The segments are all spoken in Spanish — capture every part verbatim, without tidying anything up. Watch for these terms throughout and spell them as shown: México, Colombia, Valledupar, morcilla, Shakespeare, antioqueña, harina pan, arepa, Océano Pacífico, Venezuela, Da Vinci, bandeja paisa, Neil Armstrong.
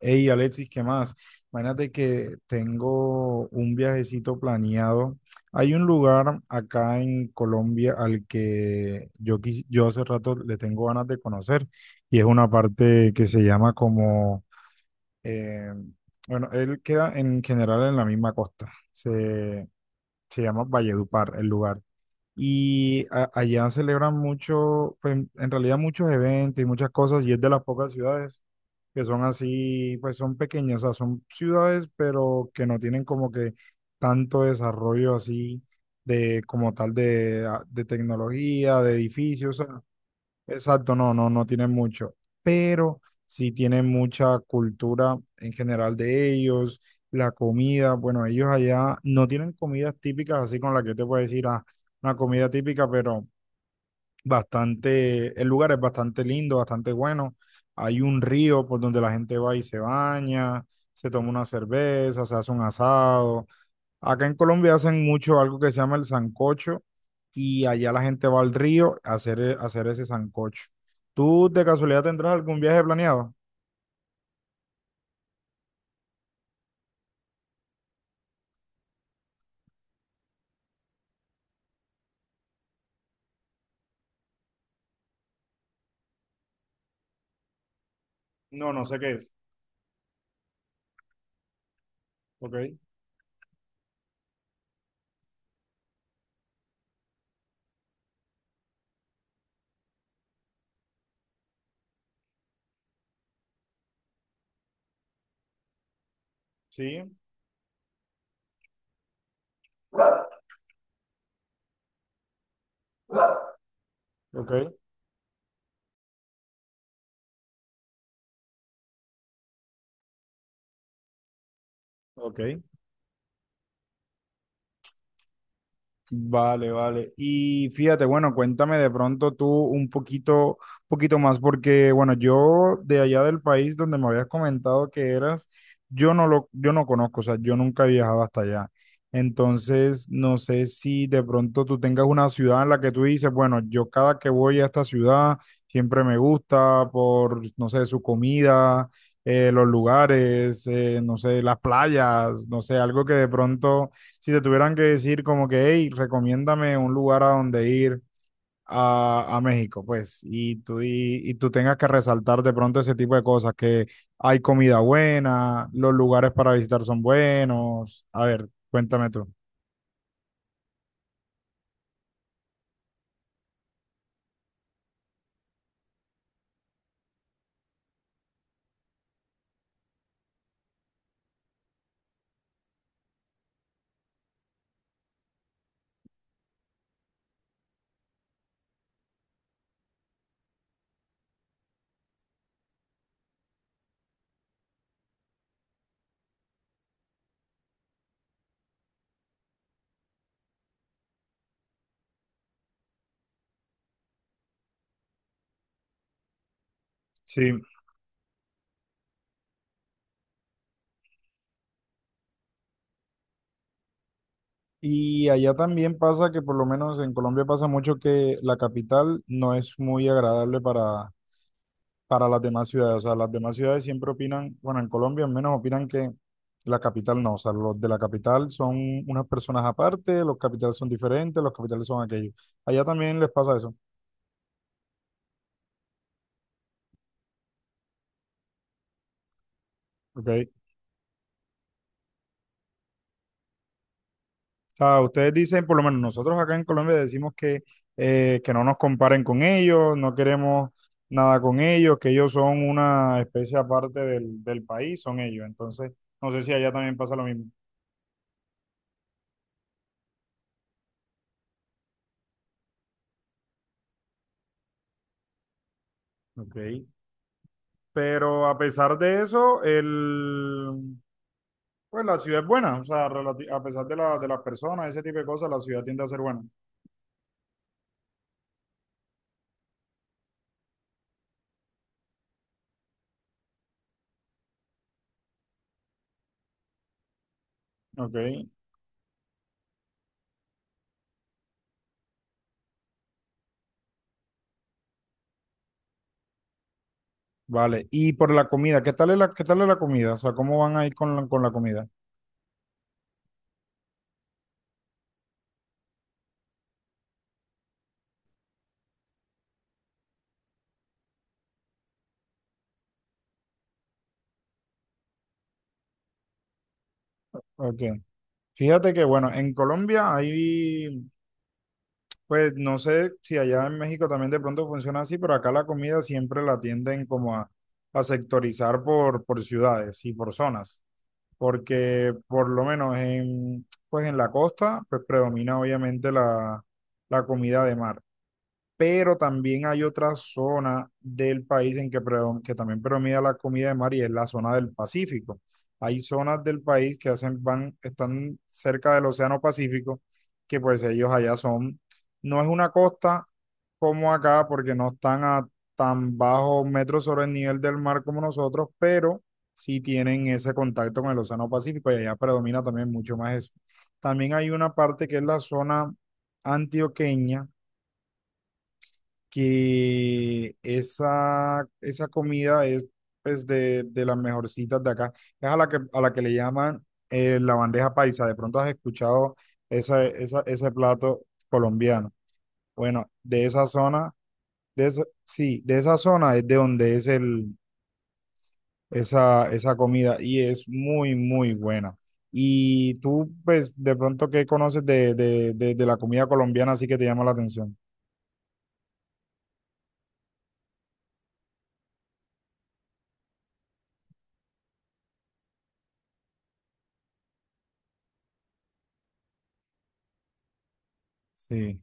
Hey Alexis, ¿qué más? Imagínate que tengo un viajecito planeado. Hay un lugar acá en Colombia al que yo, quis- yo hace rato le tengo ganas de conocer y es una parte que se llama como, eh, bueno, él queda en general en la misma costa. Se, se llama Valledupar el lugar. Y a- allá celebran mucho, pues en realidad muchos eventos y muchas cosas, y es de las pocas ciudades que son así, pues son pequeñas, o sea, son ciudades, pero que no tienen como que tanto desarrollo así de como tal de, a- de tecnología, de edificios. Exacto, no, no, no tienen mucho, pero sí tienen mucha cultura en general de ellos, la comida, bueno, ellos allá no tienen comidas típicas, así con la que te puedo decir, ah, una comida típica, pero bastante, el lugar es bastante lindo, bastante bueno. Hay un río por donde la gente va y se baña, se toma una cerveza, se hace un asado. Acá en Colombia hacen mucho algo que se llama el sancocho y allá la gente va al río a hacer, e- a hacer ese sancocho. ¿Tú de casualidad tendrás algún viaje planeado? No, no sé qué es. Ok, sí, ok, ok. Vale, vale. Y fíjate, bueno, cuéntame de pronto tú un poquito, poquito más, porque bueno, yo de allá del país donde me habías comentado que eras, yo no lo, yo no conozco, o sea, yo nunca he viajado hasta allá. Entonces, no sé si de pronto tú tengas una ciudad en la que tú dices, bueno, yo cada que voy a esta ciudad siempre me gusta por, no sé, su comida, eh, los lugares, eh, no sé, las playas, no sé, algo que de pronto si te tuvieran que decir como que, hey, recomiéndame un lugar a donde ir a, a México, pues, y tú, y, y tú tengas que resaltar de pronto ese tipo de cosas, que hay comida buena, los lugares para visitar son buenos. A ver, cuéntame tú. Sí, y allá también pasa que por lo menos en Colombia pasa mucho que la capital no es muy agradable para, para las demás ciudades. O sea, las demás ciudades siempre opinan, bueno, en Colombia al menos opinan que la capital no. O sea, los de la capital son unas personas aparte, los capitales son diferentes, los capitales son aquellos. Allá también les pasa eso, ¿ok? O sea, ustedes dicen, por lo menos nosotros acá en Colombia decimos que, eh, que no nos comparen con ellos, no queremos nada con ellos, que ellos son una especie aparte del, del país, son ellos. Entonces, no sé si allá también pasa lo mismo. Ok. Pero a pesar de eso, el, pues la ciudad es buena, o sea, relati- a pesar de, la, de las personas, ese tipo de cosas, la ciudad tiende a ser buena. Ok, vale. Y por la comida, ¿qué tal es la, ¿qué tal es la comida? O sea, ¿cómo van a ir con la, con la comida? Ok. Fíjate que, bueno, en Colombia hay, pues no sé si allá en México también de pronto funciona así, pero acá la comida siempre la tienden como a, a sectorizar por, por ciudades y por zonas. Porque por lo menos en, pues en la costa, pues predomina obviamente la la comida de mar, pero también hay otra zona del país en que, predom- que también predomina la comida de mar y es la zona del Pacífico. Hay zonas del país que hacen, van, están cerca del Océano Pacífico, que pues ellos allá son, no es una costa como acá, porque no están a tan bajo metros sobre el nivel del mar como nosotros, pero sí tienen ese contacto con el Océano Pacífico y allá predomina también mucho más eso. También hay una parte que es la zona antioqueña, que esa, esa comida es pues, de, de las mejorcitas de acá. Es a la que, a la que le llaman eh, la bandeja paisa. De pronto has escuchado esa, esa- ese plato colombiano. Bueno, de esa zona, de esa, sí, de esa zona es de donde es el, esa, esa comida y es muy, muy buena. Y tú, pues, de pronto, ¿qué conoces de, de, de de la comida colombiana así que te llama la atención? Sí.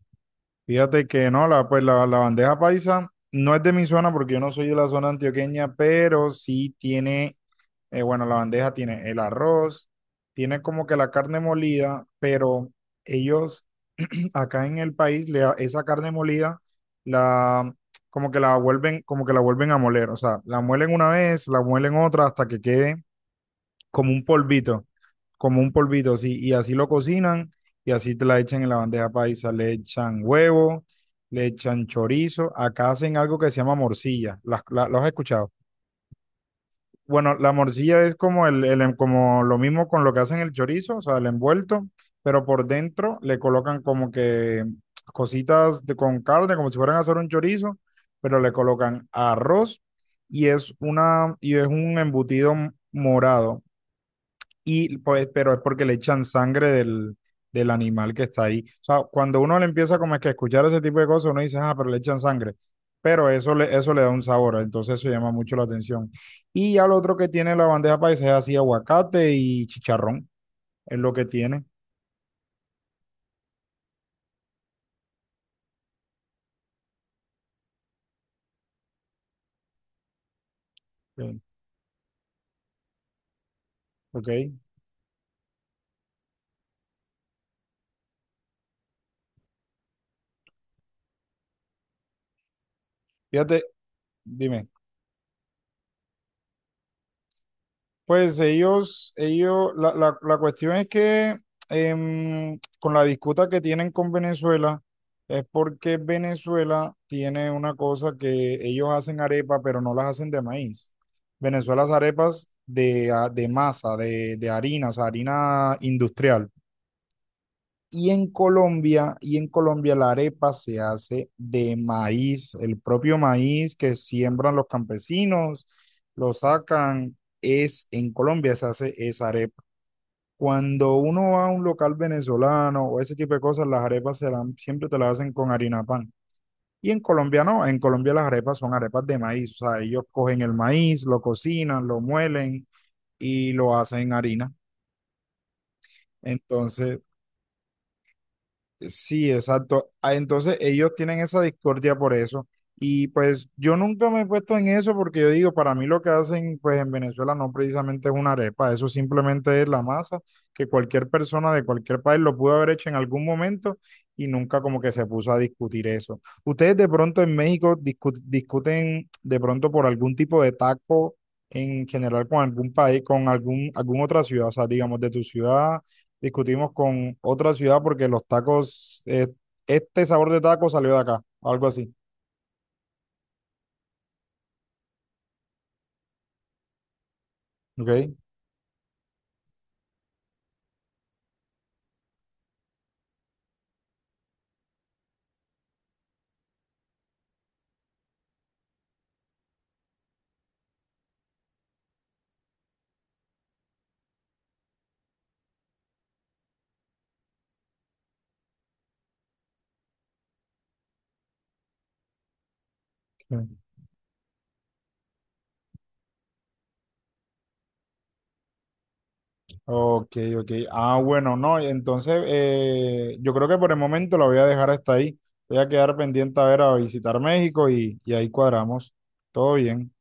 Fíjate que no, la, pues la, la bandeja paisa no es de mi zona porque yo no soy de la zona antioqueña, pero sí tiene, eh, bueno, la bandeja tiene el arroz, tiene como que la carne molida, pero ellos acá en el país le, a- esa carne molida la como que la vuelven, como que la vuelven a moler, o sea, la muelen una vez, la muelen otra hasta que quede como un polvito, como un polvito, sí, y así lo cocinan y así te la echan en la bandeja paisa, le echan huevo, le echan chorizo, acá hacen algo que se llama morcilla, ¿Las, la, ¿los has escuchado? Bueno, la morcilla es como, el, el, en- como lo mismo con lo que hacen el chorizo, o sea, el envuelto, pero por dentro le colocan como que cositas de, con carne, como si fueran a hacer un chorizo, pero le colocan arroz y es, una, y es un embutido morado, y pues, pero es porque le echan sangre del, del animal que está ahí. O sea, cuando uno le empieza como es que a escuchar ese tipo de cosas, uno dice, ah, pero le echan sangre. Pero eso le, eso le da un sabor, entonces eso llama mucho la atención. Y ya lo otro que tiene la bandeja paisa es así, aguacate y chicharrón, es lo que tiene. Eh, Ok, fíjate, dime. Pues ellos, ellos, la, la- la cuestión es que em, con la disputa que tienen con Venezuela, es porque Venezuela tiene una cosa que ellos hacen arepa, pero no las hacen de maíz. Venezuela hace arepas de, a- de masa, de, de harina, o sea, harina industrial. Y en Colombia, y en Colombia la arepa se hace de maíz, el propio maíz que siembran los campesinos, lo sacan, es en Colombia se hace esa arepa. Cuando uno va a un local venezolano o ese tipo de cosas, las arepas se dan- siempre te las hacen con harina pan. Y en Colombia no, en Colombia las arepas son arepas de maíz, o sea, ellos cogen el maíz, lo cocinan, lo muelen y lo hacen harina. Entonces, sí, exacto. Ah, entonces ellos tienen esa discordia por eso. Y pues yo nunca me he puesto en eso porque yo digo, para mí lo que hacen pues en Venezuela no precisamente es una arepa, eso simplemente es la masa que cualquier persona de cualquier país lo pudo haber hecho en algún momento y nunca como que se puso a discutir eso. ¿Ustedes de pronto en México discu- discuten de pronto por algún tipo de taco en general con algún país, con algún, alguna otra ciudad? O sea, digamos de tu ciudad discutimos con otra ciudad porque los tacos, eh, este sabor de taco salió de acá, algo así. ¿Ok? Ok, ok. Ah, bueno, no, entonces eh, yo creo que por el momento la voy a dejar hasta ahí. Voy a quedar pendiente a ver a visitar México y, y ahí cuadramos. Todo bien.